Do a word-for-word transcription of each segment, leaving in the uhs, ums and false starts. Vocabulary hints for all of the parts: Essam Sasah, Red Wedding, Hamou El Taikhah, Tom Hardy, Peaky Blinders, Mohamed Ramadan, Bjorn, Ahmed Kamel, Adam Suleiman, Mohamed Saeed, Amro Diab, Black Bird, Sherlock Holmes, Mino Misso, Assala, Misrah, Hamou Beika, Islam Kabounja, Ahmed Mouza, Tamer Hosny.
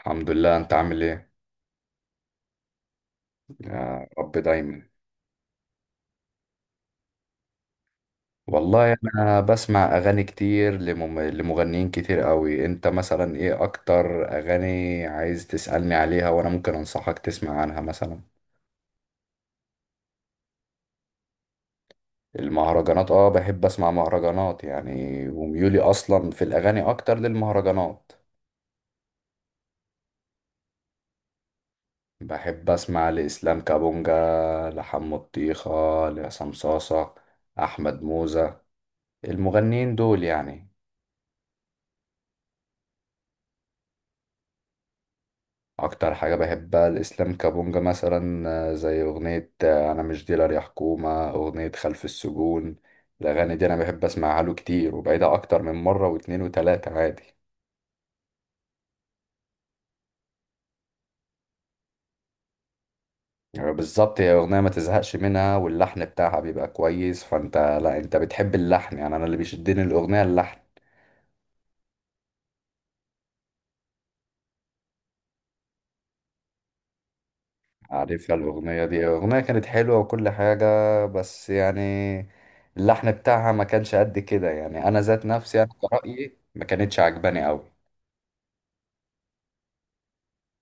الحمد لله. انت عامل ايه؟ يا رب دايما. والله انا بسمع اغاني كتير لمم... لمغنيين كتير قوي. انت مثلا ايه اكتر اغاني عايز تسألني عليها؟ وانا ممكن انصحك تسمع عنها مثلا. المهرجانات، اه، بحب اسمع مهرجانات يعني. وميولي اصلا في الاغاني اكتر للمهرجانات. بحب اسمع لاسلام كابونجا، لحمو الطيخة، لعصام صاصة، احمد موزة، المغنيين دول يعني. اكتر حاجة بحبها الاسلام كابونجا مثلا، آه، زي اغنية، آه، انا مش ديلر يا حكومة، اغنية خلف السجون. الاغاني دي انا بحب اسمعها له كتير وبعيدها اكتر من مرة واتنين وتلاتة عادي. يعني بالظبط هي اغنية ما تزهقش منها، واللحن بتاعها بيبقى كويس. فانت، لا، انت بتحب اللحن يعني، انا اللي بيشدني الاغنية اللحن. عارفها الاغنية دي. اغنية كانت حلوة وكل حاجة، بس يعني اللحن بتاعها ما كانش قد كده. يعني انا ذات نفسي، انا كرأيي، ما كانتش عجباني قوي.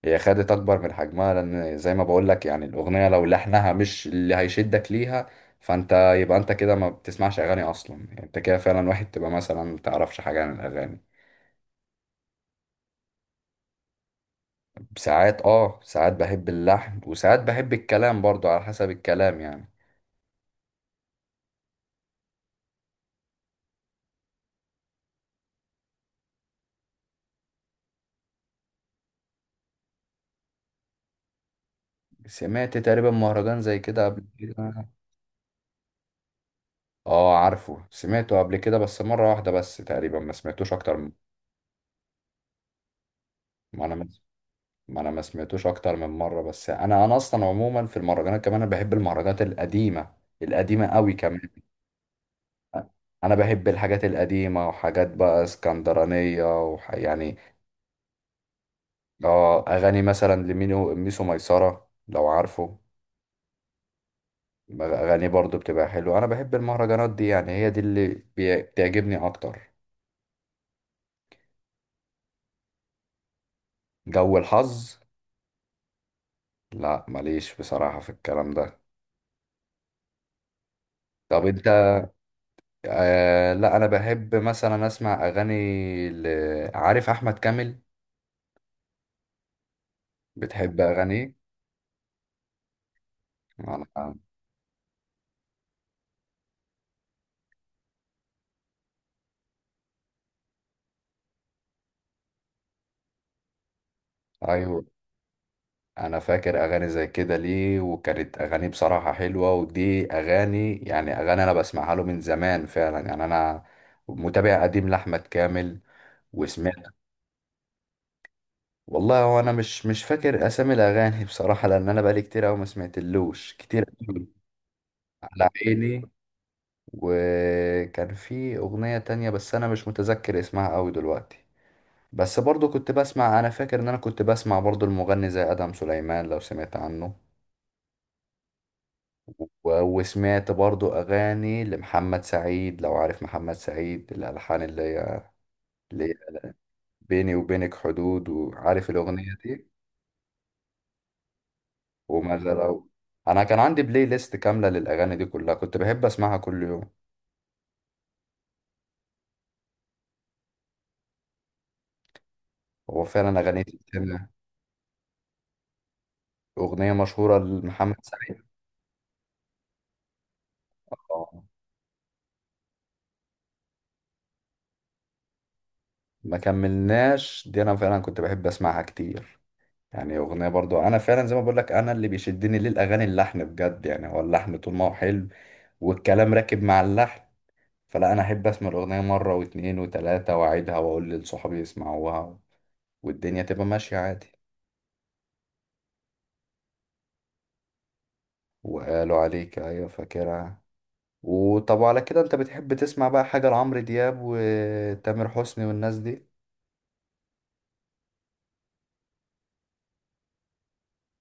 هي خدت اكبر من حجمها، لان زي ما بقول لك يعني الاغنيه لو لحنها مش اللي هيشدك ليها، فانت يبقى انت كده ما بتسمعش اغاني اصلا. يعني انت كده فعلا واحد تبقى مثلا ما تعرفش حاجه عن الاغاني. ساعات اه ساعات بحب اللحن، وساعات بحب الكلام برضو، على حسب الكلام يعني. سمعت تقريبا مهرجان زي كده قبل كده. اه، عارفه، سمعته قبل كده بس مره واحده بس، تقريبا ما سمعتوش اكتر من. ما انا ما انا ما سمعتوش اكتر من مره، بس انا انا اصلا عموما في المهرجانات كمان انا بحب المهرجانات القديمه، القديمه قوي كمان. انا بحب الحاجات القديمه وحاجات بقى اسكندرانيه وح... يعني. اه، اغاني مثلا لمينو ميسو ميسره، لو عارفه. اغاني برضو بتبقى حلوه. انا بحب المهرجانات دي يعني، هي دي اللي بي- بتعجبني اكتر. جو الحظ؟ لا، ماليش بصراحه في الكلام ده. طب انت؟ آه لا، انا بحب مثلا اسمع اغاني ل... عارف احمد كامل. بتحب أغاني؟ أنا. أيوه. أنا فاكر أغاني زي كده ليه، وكانت أغاني بصراحة حلوة، ودي أغاني يعني، أغاني أنا بسمعها له من زمان فعلا. يعني أنا متابع قديم لأحمد كامل وسمعت. والله هو أنا مش مش فاكر أسامي الأغاني بصراحة، لأن أنا بقالي كتير أوي ما سمعتلوش كتير أوي. على عيني. وكان في أغنية تانية بس أنا مش متذكر اسمها أوي دلوقتي. بس برضو كنت بسمع، انا فاكر ان انا كنت بسمع برضو المغني زي ادم سليمان لو سمعت عنه. و- وسمعت برضو اغاني لمحمد سعيد، لو عارف محمد سعيد الالحان، اللي هي اللي هي بيني وبينك حدود. وعارف الاغنية دي وما زال. انا كان عندي بلاي ليست كاملة للاغاني دي كلها، كنت بحب اسمعها كل يوم. هو فعلا اغاني تتسمع. اغنية مشهورة لمحمد سعيد، آه، ما كملناش، دي انا فعلا كنت بحب اسمعها كتير. يعني اغنيه برضو انا فعلا، زي ما بقول لك، انا اللي بيشدني للاغاني اللحن بجد. يعني هو اللحن طول ما هو حلو، والكلام راكب مع اللحن، فلا انا احب اسمع الاغنيه مره واتنين وتلاته، واعيدها واقول لصحابي يسمعوها، والدنيا تبقى ماشيه عادي. وقالوا عليك، ايوه، فاكرها. وطب على كده انت بتحب تسمع بقى حاجه لعمرو دياب وتامر حسني والناس دي؟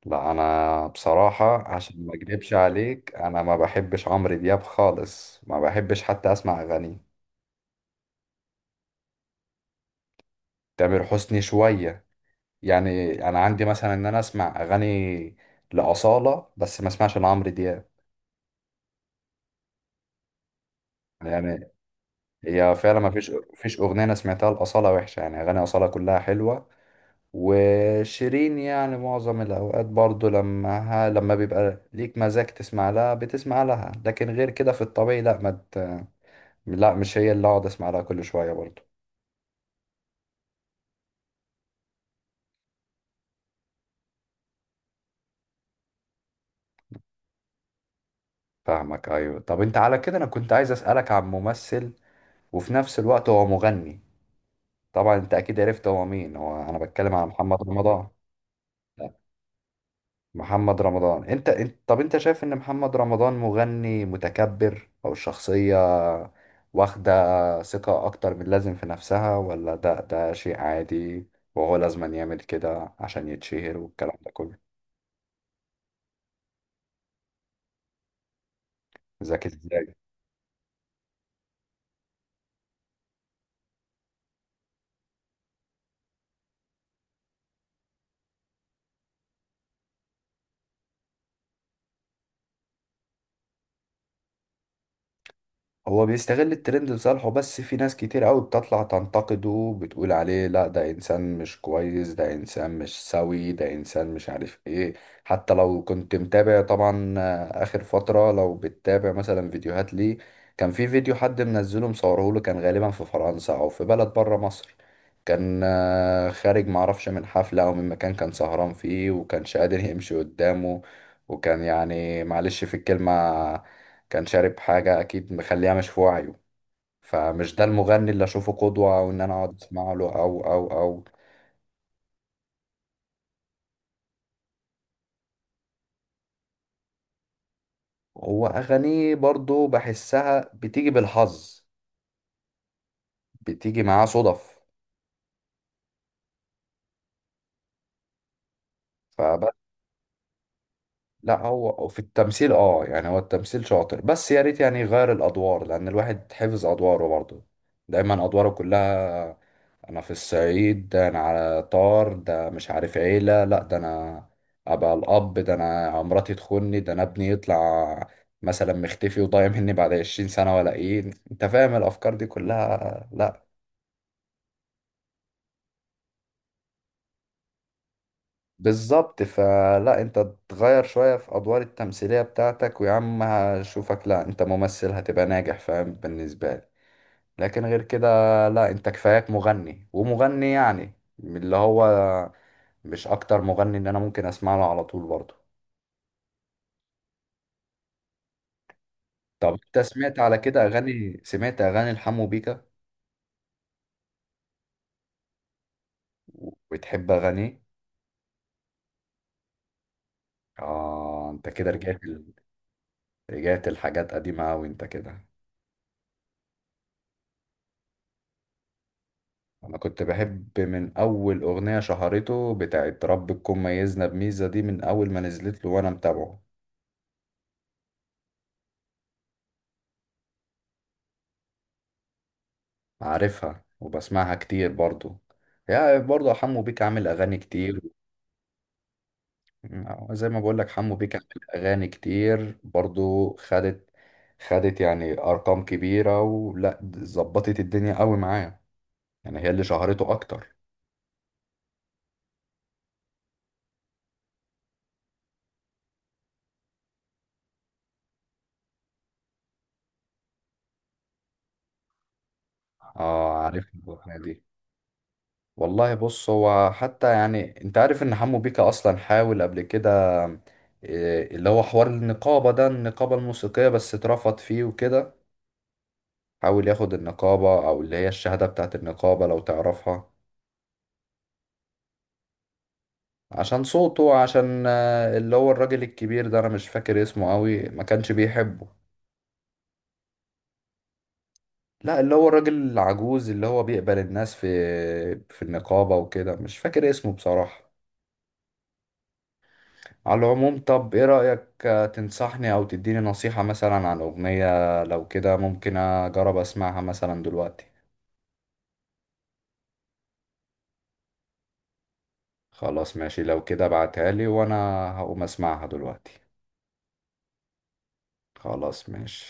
لا، انا بصراحه، عشان ما اكدبش عليك، انا ما بحبش عمرو دياب خالص، ما بحبش حتى اسمع اغانيه. تامر حسني شوية. يعني أنا عندي مثلا إن أنا أسمع أغاني لأصالة، بس ما أسمعش لعمرو دياب. يعني هي فعلا ما فيش فيش أغنية أنا سمعتها لأصالة وحشة، يعني أغاني أصالة كلها حلوة. وشيرين يعني معظم الأوقات برضو، لما لما بيبقى ليك مزاج تسمع لها بتسمع لها، لكن غير كده في الطبيعي لا. ما ت- لا، مش هي اللي أقعد أسمع لها كل شوية برضو. فاهمك، أيوة. طب أنت، على كده، أنا كنت عايز أسألك عن ممثل وفي نفس الوقت هو مغني. طبعا انت اكيد عرفت هو مين، هو انا بتكلم عن محمد رمضان. لا، محمد رمضان انت انت، طب انت شايف ان محمد رمضان مغني متكبر؟ او الشخصية واخدة ثقة اكتر من اللازم في نفسها؟ ولا ده ده شيء عادي وهو لازم يعمل كده عشان يتشهر والكلام ده كله؟ ذكي ازاي؟ هو بيستغل الترند لصالحه، بس في ناس كتير قوي بتطلع تنتقده، بتقول عليه لا ده انسان مش كويس، ده انسان مش سوي، ده انسان مش عارف ايه. حتى لو كنت متابع طبعا، آه، اخر فترة لو بتتابع مثلا فيديوهات ليه، كان في فيديو حد منزله، مصوره له، كان غالبا في فرنسا او في بلد بره مصر. كان، آه، خارج، معرفش من حفلة او من مكان كان سهران فيه، وكانش قادر يمشي قدامه. وكان يعني معلش في الكلمة، كان شارب حاجة أكيد مخليها مش في وعيه. فمش ده المغني اللي أشوفه قدوة، أو إن أنا أقعد أسمع له، أو أو أو. هو أغانيه برضو بحسها بتيجي بالحظ، بتيجي معاه صدف، فبس. لا، هو في التمثيل اه يعني هو التمثيل شاطر، بس يا ريت يعني يغير الادوار، لان الواحد حفظ ادواره برضه، دايما ادواره كلها. انا في الصعيد، ده انا على طار، ده مش عارف عيلة، لا، ده انا ابقى الاب، ده انا مراتي تخوني، ده انا ابني يطلع مثلا مختفي وضايع مني بعد 20 سنة، ولا ايه انت فاهم الافكار دي كلها؟ لا. بالظبط، فلا انت تغير شوية في أدوار التمثيلية بتاعتك، ويا عم هشوفك. لا، انت ممثل، هتبقى ناجح، فاهم بالنسبة لي. لكن غير كده لا، انت كفاياك مغني، ومغني يعني من اللي هو مش أكتر. مغني اللي أنا ممكن أسمع له على طول برضه. طب انت سمعت على كده أغاني؟ سمعت أغاني لحمو بيكا؟ وبتحب أغانيه؟ آه، انت كده رجعت ال- رجعت الحاجات قديمة أوي انت كده. انا كنت بحب من اول اغنية شهرته، بتاعت رب تكون ميزنا بميزة، دي من اول ما نزلت له وانا متابعه. عارفها، وبسمعها كتير برضو. يا برضو حمو بيك عامل اغاني كتير. آه، زي ما بقول لك حمو بيك عامل اغاني كتير برضو خدت خدت يعني ارقام كبيرة، ولا ظبطت الدنيا قوي معاه. يعني هي اللي شهرته اكتر. اه، عارف الاغنية دي. والله بص، هو حتى يعني انت عارف ان حمو بيكا اصلا حاول قبل كده، إيه، اللي هو حوار النقابة، ده النقابة الموسيقية بس اترفض فيه وكده. حاول ياخد النقابة، او اللي هي الشهادة بتاعت النقابة، لو تعرفها. عشان صوته، عشان آه، اللي هو الراجل الكبير ده، انا مش فاكر اسمه قوي، ما كانش بيحبه. لا، اللي هو الراجل العجوز، اللي هو بيقبل الناس في في النقابة وكده، مش فاكر اسمه بصراحة. على العموم طب ايه رأيك؟ آه، تنصحني او تديني نصيحة مثلا عن اغنية لو كده ممكن اجرب اسمعها مثلا دلوقتي. خلاص ماشي، لو كده ابعتها لي وانا هقوم اسمعها دلوقتي. خلاص ماشي